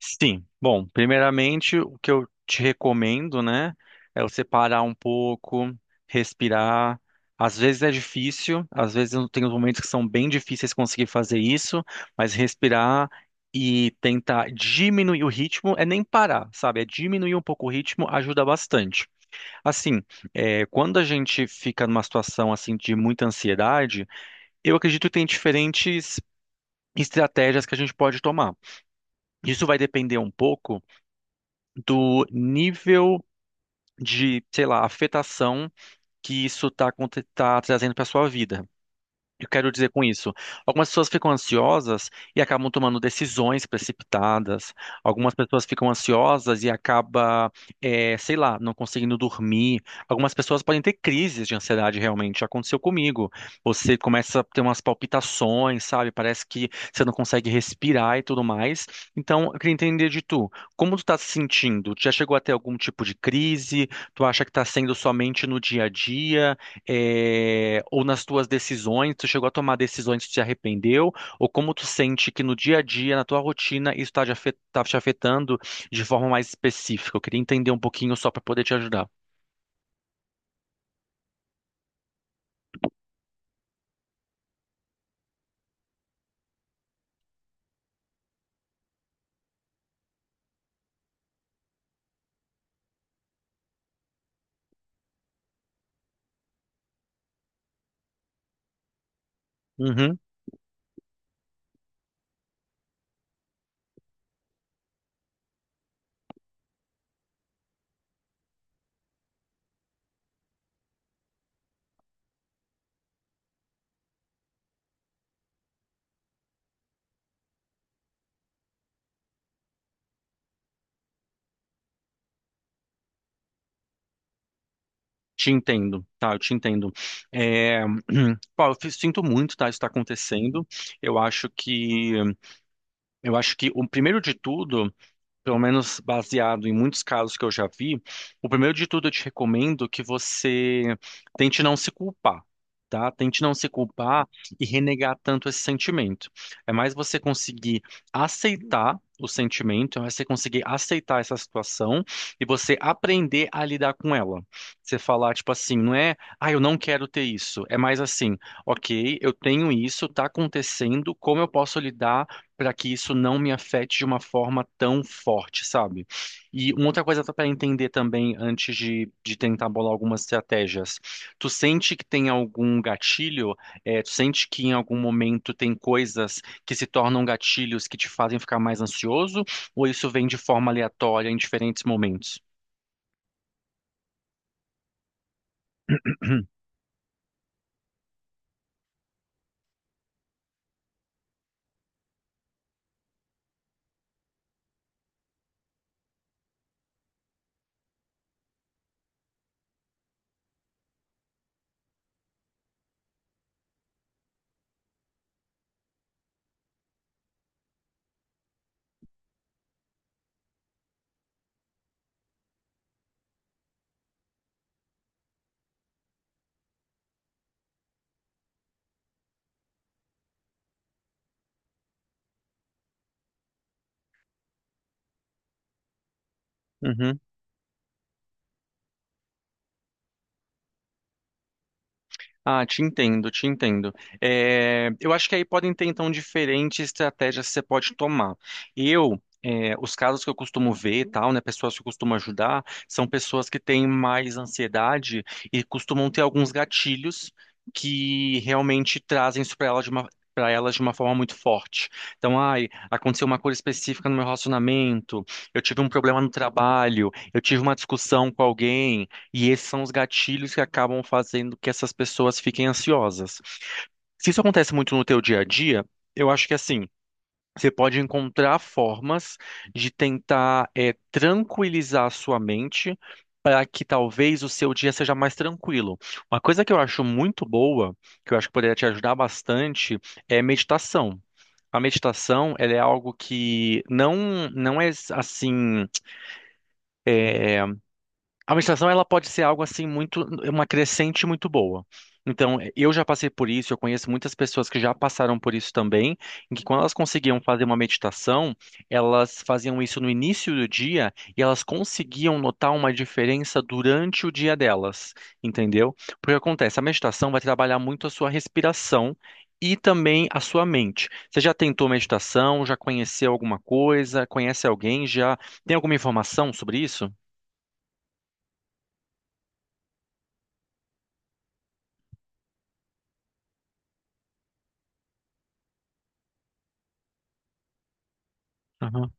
Sim. Bom, primeiramente, o que eu te recomendo, né, é você parar um pouco, respirar. Às vezes é difícil, às vezes eu tenho momentos que são bem difíceis conseguir fazer isso, mas respirar e tentar diminuir o ritmo é nem parar, sabe? É diminuir um pouco o ritmo ajuda bastante. Assim, quando a gente fica numa situação assim de muita ansiedade, eu acredito que tem diferentes estratégias que a gente pode tomar. Isso vai depender um pouco do nível de, sei lá, afetação que tá trazendo para sua vida. Eu quero dizer com isso, algumas pessoas ficam ansiosas e acabam tomando decisões precipitadas. Algumas pessoas ficam ansiosas e acaba, sei lá, não conseguindo dormir. Algumas pessoas podem ter crises de ansiedade realmente. Já aconteceu comigo. Você começa a ter umas palpitações, sabe? Parece que você não consegue respirar e tudo mais. Então, eu queria entender de tu, como tu tá se sentindo? Tu já chegou a ter algum tipo de crise? Tu acha que tá sendo somente no dia a dia? É, ou nas tuas decisões, tu chegou a tomar decisões que te arrependeu, ou como tu sente que no dia a dia, na tua rotina, tá te afetando de forma mais específica. Eu queria entender um pouquinho só para poder te ajudar. Uhum, te entendo, tá? Eu te entendo. É, pô, sinto muito, tá? Isso está acontecendo. Eu acho que, eu acho que o primeiro de tudo, pelo menos baseado em muitos casos que eu já vi, o primeiro de tudo eu te recomendo que você tente não se culpar. Tá? Tente não se culpar e renegar tanto esse sentimento. É mais você conseguir aceitar o sentimento, é mais você conseguir aceitar essa situação e você aprender a lidar com ela. Você falar, tipo assim, não é, ah, eu não quero ter isso. É mais assim, ok, eu tenho isso, tá acontecendo, como eu posso lidar? Para que isso não me afete de uma forma tão forte, sabe? E uma outra coisa para entender também antes de tentar bolar algumas estratégias. Tu sente que tem algum gatilho? É, tu sente que em algum momento tem coisas que se tornam gatilhos que te fazem ficar mais ansioso? Ou isso vem de forma aleatória em diferentes momentos? Uhum. Ah, te entendo, te entendo. É, eu acho que aí podem ter, então, diferentes estratégias que você pode tomar. Os casos que eu costumo ver, e tal, né, pessoas que eu costumo ajudar, são pessoas que têm mais ansiedade e costumam ter alguns gatilhos que realmente trazem isso para elas de uma forma muito forte. Então, ai, aconteceu uma coisa específica no meu relacionamento, eu tive um problema no trabalho, eu tive uma discussão com alguém, e esses são os gatilhos que acabam fazendo que essas pessoas fiquem ansiosas. Se isso acontece muito no teu dia a dia, eu acho que assim, você pode encontrar formas de tentar tranquilizar a sua mente para que talvez o seu dia seja mais tranquilo. Uma coisa que eu acho muito boa, que eu acho que poderia te ajudar bastante, é meditação. A meditação, ela é algo que não não é assim A meditação ela pode ser algo assim muito uma crescente muito boa. Então, eu já passei por isso, eu conheço muitas pessoas que já passaram por isso também, em que quando elas conseguiam fazer uma meditação, elas faziam isso no início do dia e elas conseguiam notar uma diferença durante o dia delas, entendeu? Porque acontece, a meditação vai trabalhar muito a sua respiração e também a sua mente. Você já tentou meditação? Já conheceu alguma coisa? Conhece alguém? Já tem alguma informação sobre isso? Aham,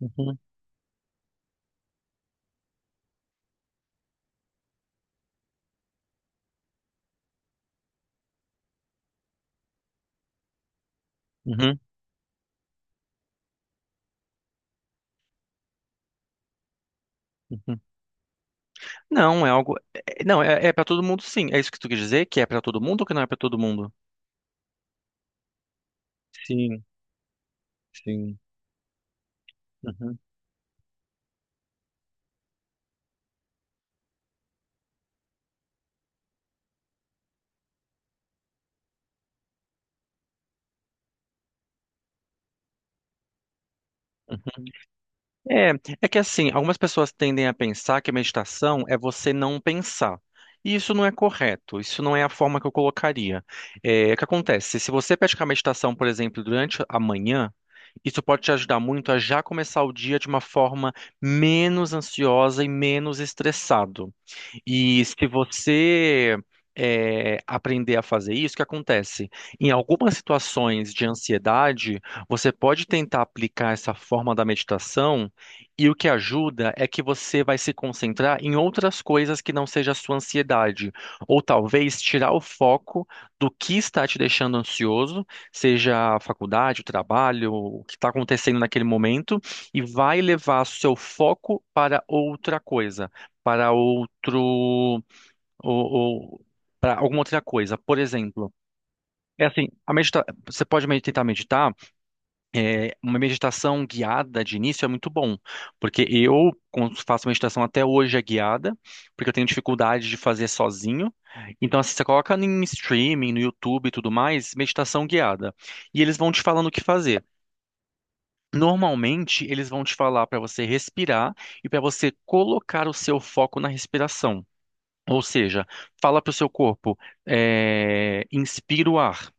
uhum. Uhum, uhum. Não, Não, é para todo mundo, sim. É isso que tu quer dizer? Que é para todo mundo ou que não é para todo mundo? Sim, sim. Uhum. É, é que assim, algumas pessoas tendem a pensar que a meditação é você não pensar. E isso não é correto, isso não é a forma que eu colocaria. É, o que acontece? Se você praticar meditação, por exemplo, durante a manhã, isso pode te ajudar muito a já começar o dia de uma forma menos ansiosa e menos estressado. E se você aprender a fazer isso, o que acontece? Em algumas situações de ansiedade, você pode tentar aplicar essa forma da meditação, e o que ajuda é que você vai se concentrar em outras coisas que não seja a sua ansiedade, ou talvez tirar o foco do que está te deixando ansioso, seja a faculdade, o trabalho, o que está acontecendo naquele momento, e vai levar seu foco para outra coisa para outro ou para alguma outra coisa. Por exemplo, é assim, a medita você pode tentar meditar, é, uma meditação guiada de início é muito bom, porque eu quando faço meditação até hoje é guiada, porque eu tenho dificuldade de fazer sozinho. Então, assim, você coloca em streaming, no YouTube e tudo mais, meditação guiada, e eles vão te falando o que fazer. Normalmente, eles vão te falar para você respirar e para você colocar o seu foco na respiração. Ou seja, fala para o seu corpo, inspira o ar,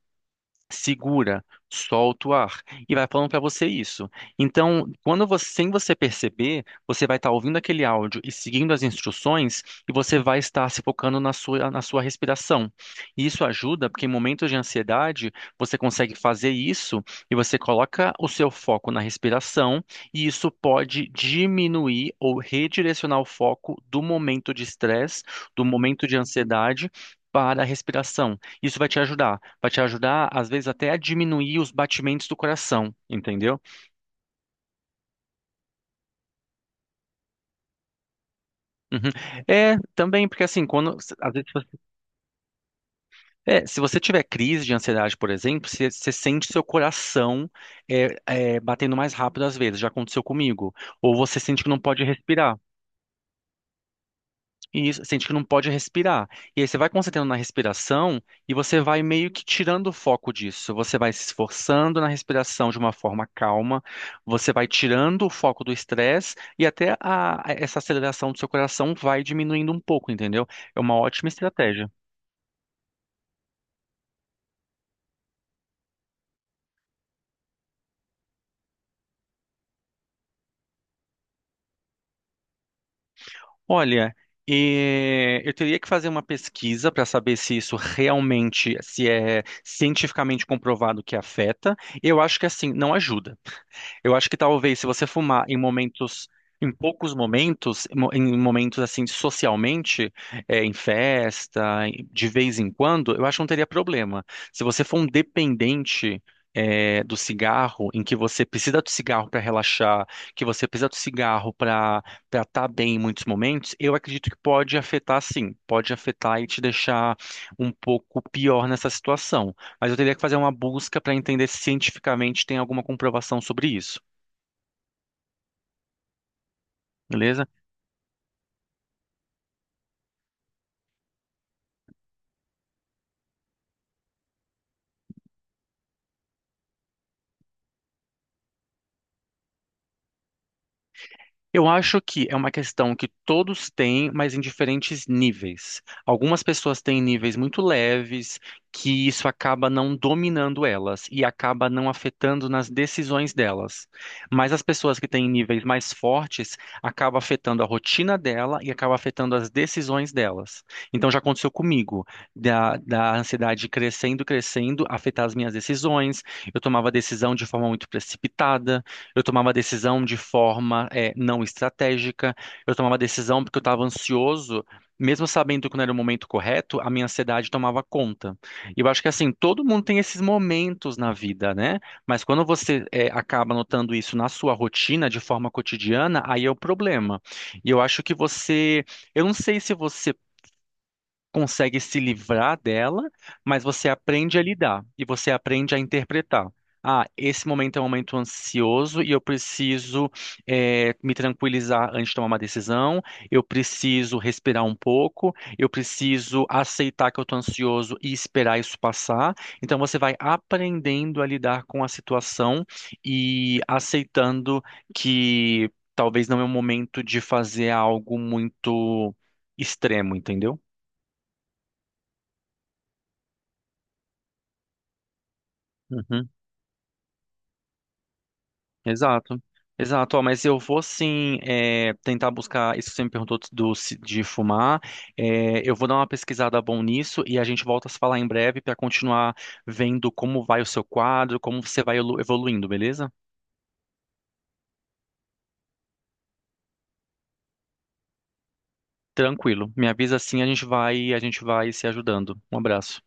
segura, solta o ar e vai falando para você isso. Então, quando você, sem você perceber, você vai estar ouvindo aquele áudio e seguindo as instruções e você vai estar se focando na sua respiração. E isso ajuda porque em momentos de ansiedade você consegue fazer isso e você coloca o seu foco na respiração e isso pode diminuir ou redirecionar o foco do momento de estresse, do momento de ansiedade. Para a respiração. Isso vai te ajudar. Vai te ajudar, às vezes, até a diminuir os batimentos do coração, entendeu? Uhum. É, também, porque assim, quando, é, se você tiver crise de ansiedade, por exemplo, você sente seu coração batendo mais rápido às vezes, já aconteceu comigo. Ou você sente que não pode respirar. E isso, sente que não pode respirar. E aí você vai concentrando na respiração e você vai meio que tirando o foco disso. Você vai se esforçando na respiração de uma forma calma, você vai tirando o foco do estresse e essa aceleração do seu coração vai diminuindo um pouco, entendeu? É uma ótima estratégia. Olha, eu teria que fazer uma pesquisa para saber se isso realmente, se é cientificamente comprovado que afeta. Eu acho que assim, não ajuda. Eu acho que talvez se você fumar em momentos, em poucos momentos, em momentos assim socialmente, é, em festa, em- de vez em quando, eu acho que não teria problema. Se você for um dependente do cigarro, em que você precisa do cigarro para relaxar, que você precisa do cigarro para estar bem em muitos momentos, eu acredito que pode afetar sim, pode afetar e te deixar um pouco pior nessa situação. Mas eu teria que fazer uma busca para entender se cientificamente tem alguma comprovação sobre isso, beleza? Eu acho que é uma questão que todos têm, mas em diferentes níveis. Algumas pessoas têm níveis muito leves, que isso acaba não dominando elas e acaba não afetando nas decisões delas. Mas as pessoas que têm níveis mais fortes acaba afetando a rotina dela e acaba afetando as decisões delas. Então já aconteceu comigo, da ansiedade crescendo, crescendo, afetar as minhas decisões. Eu tomava decisão de forma muito precipitada, eu tomava decisão de forma não estratégica, eu tomava decisão porque eu estava ansioso, mesmo sabendo que não era o momento correto, a minha ansiedade tomava conta. E eu acho que assim, todo mundo tem esses momentos na vida, né? Mas quando você acaba notando isso na sua rotina, de forma cotidiana, aí é o problema. E eu acho que você. Eu não sei se você consegue se livrar dela, mas você aprende a lidar e você aprende a interpretar. Ah, esse momento é um momento ansioso e eu preciso me tranquilizar antes de tomar uma decisão. Eu preciso respirar um pouco. Eu preciso aceitar que eu estou ansioso e esperar isso passar. Então você vai aprendendo a lidar com a situação e aceitando que talvez não é o momento de fazer algo muito extremo, entendeu? Uhum. Exato. Exato, ó, mas eu vou sim tentar buscar isso que você me perguntou de fumar. É, eu vou dar uma pesquisada bom nisso e a gente volta a se falar em breve para continuar vendo como vai o seu quadro, como você vai evoluindo, beleza? Tranquilo. Me avisa assim, a gente vai se ajudando. Um abraço.